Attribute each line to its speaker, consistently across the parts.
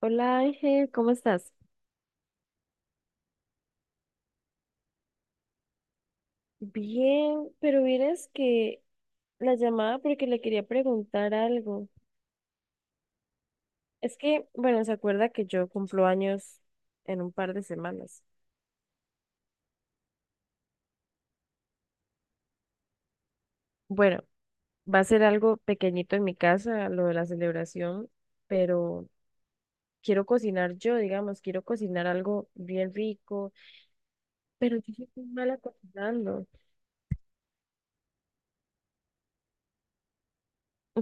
Speaker 1: Hola Ángel, ¿cómo estás? Bien, pero vieras que la llamada porque le quería preguntar algo. Es que, bueno, se acuerda que yo cumplo años en un par de semanas. Bueno, va a ser algo pequeñito en mi casa, lo de la celebración, pero quiero cocinar yo, digamos, quiero cocinar algo bien rico, pero yo soy muy mala cocinando.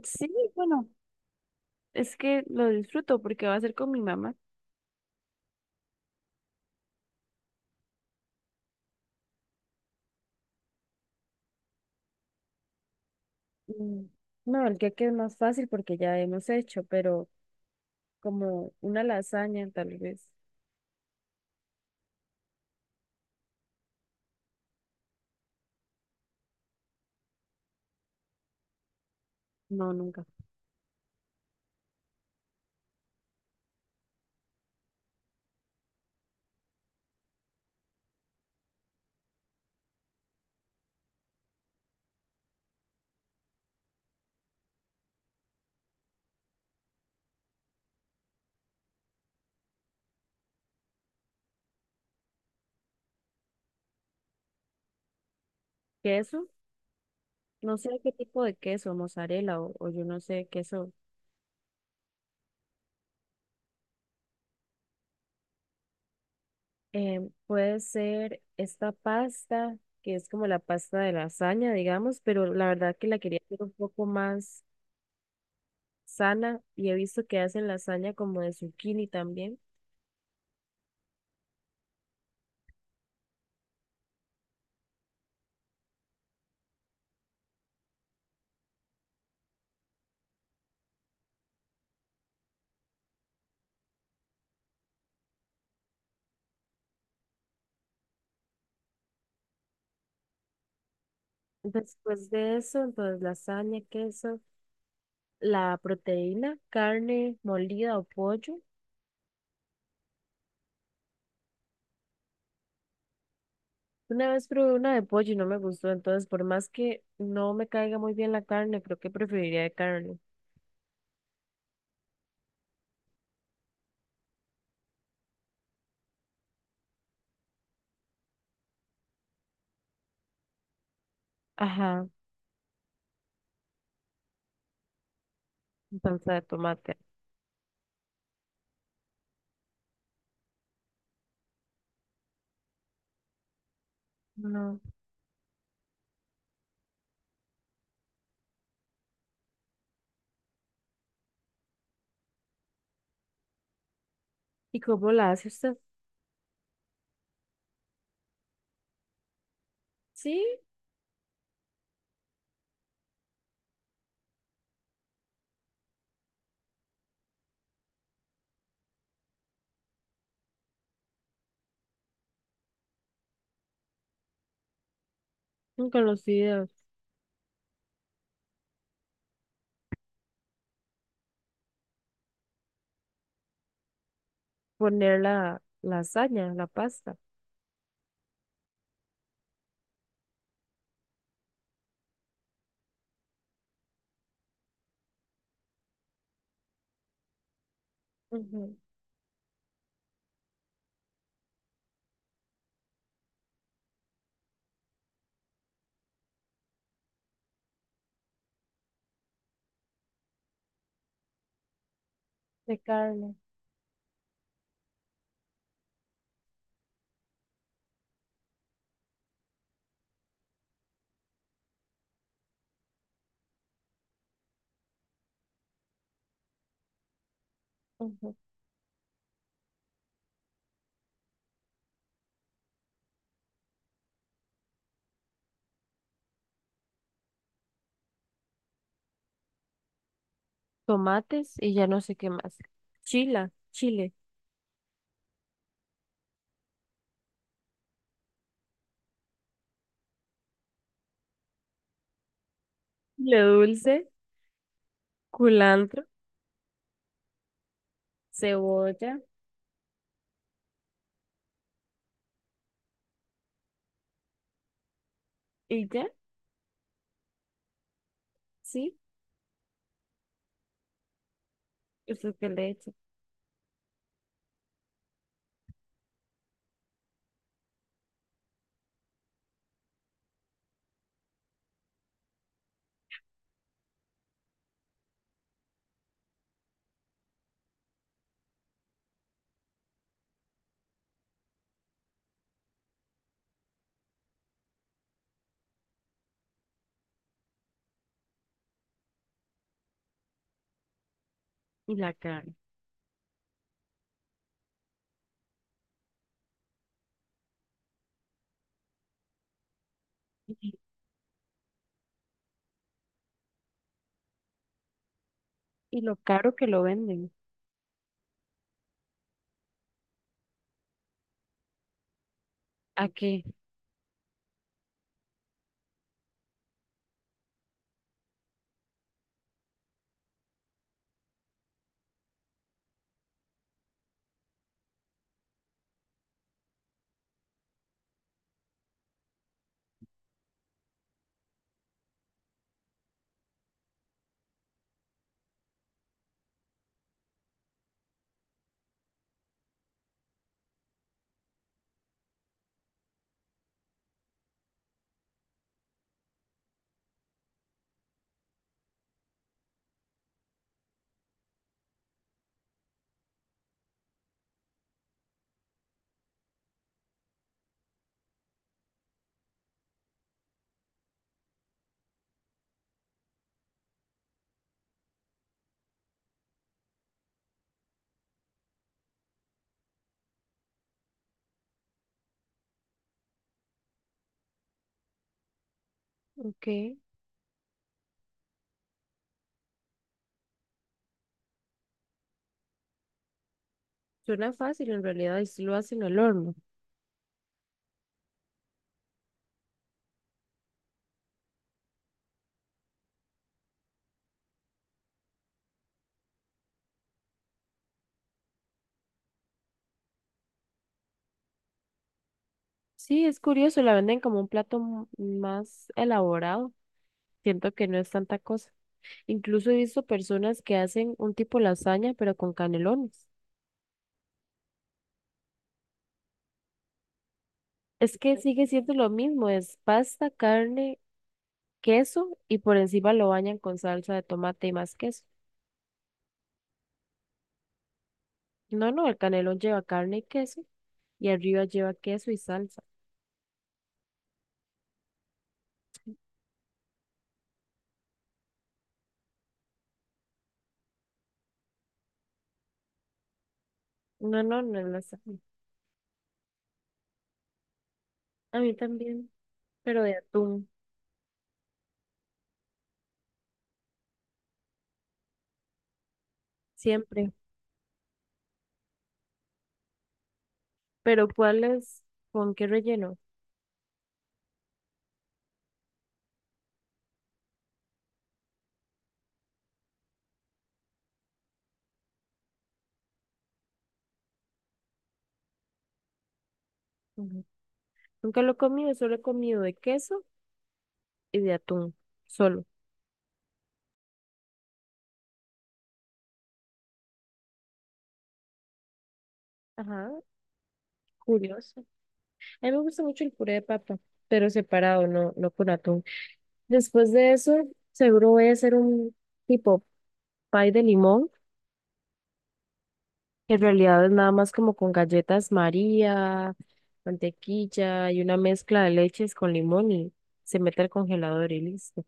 Speaker 1: Sí, bueno, es que lo disfruto porque va a ser con mi mamá. Mm, No, el que es más fácil porque ya hemos hecho, pero como una lasaña tal vez. No, nunca. ¿Queso? No sé qué tipo de queso, mozzarella o yo no sé, queso. Puede ser esta pasta, que es como la pasta de lasaña, digamos, pero la verdad que la quería hacer un poco más sana y he visto que hacen lasaña como de zucchini también. Después de eso, entonces lasaña, queso, la proteína, carne molida o pollo. Una vez probé una de pollo y no me gustó, entonces por más que no me caiga muy bien la carne, creo que preferiría de carne. Ajá, salsa de tomate. No. ¿Y cómo la hace usted? Sí, nunca los sé poner la lasaña, la pasta. Ujú. De carne. Ujú. Tomates y ya no sé qué más. Chila, chile. Le dulce, culantro, cebolla y ya, sí, eso que le echa. Y la carne. Y y lo caro que lo venden. ¿A qué? Ok, suena fácil, en realidad y sí lo hacen al horno. Sí, es curioso, la venden como un plato m- más elaborado. Siento que no es tanta cosa. Incluso he visto personas que hacen un tipo lasaña, pero con canelones. Es que sigue siendo lo mismo, es pasta, carne, queso y por encima lo bañan con salsa de tomate y más queso. No, no, el canelón lleva carne y queso y arriba lleva queso y salsa. No, no, no es lasaña. A mí también, pero de atún, siempre. Pero ¿cuál es? ¿Con qué relleno? Ujú. Nunca lo he comido, solo he comido de queso y de atún, solo. Ajá, curioso. A mí me gusta mucho el puré de papa, pero separado, no, no con atún. Después de eso, seguro voy a hacer un tipo pie de limón, que en realidad es nada más como con galletas María, mantequilla y una mezcla de leches con limón y se mete al congelador y listo.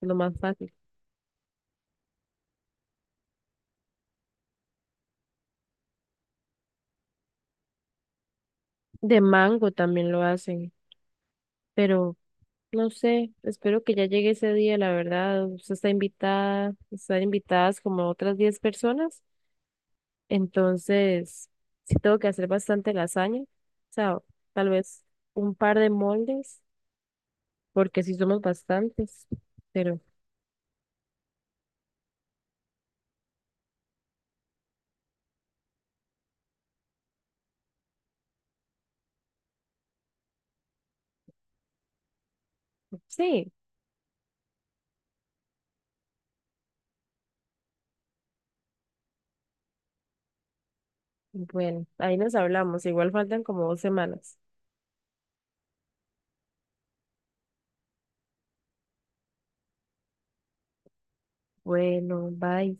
Speaker 1: Es lo más fácil. De mango también lo hacen, pero no sé, espero que ya llegue ese día, la verdad. Usted está invitada, están invitadas como otras 10 personas. Entonces, sí tengo que hacer bastante lasaña. O sea, tal vez un par de moldes, porque sí somos bastantes. Pero sí, bueno, ahí nos hablamos. Igual faltan como 2 semanas. Bueno, bye.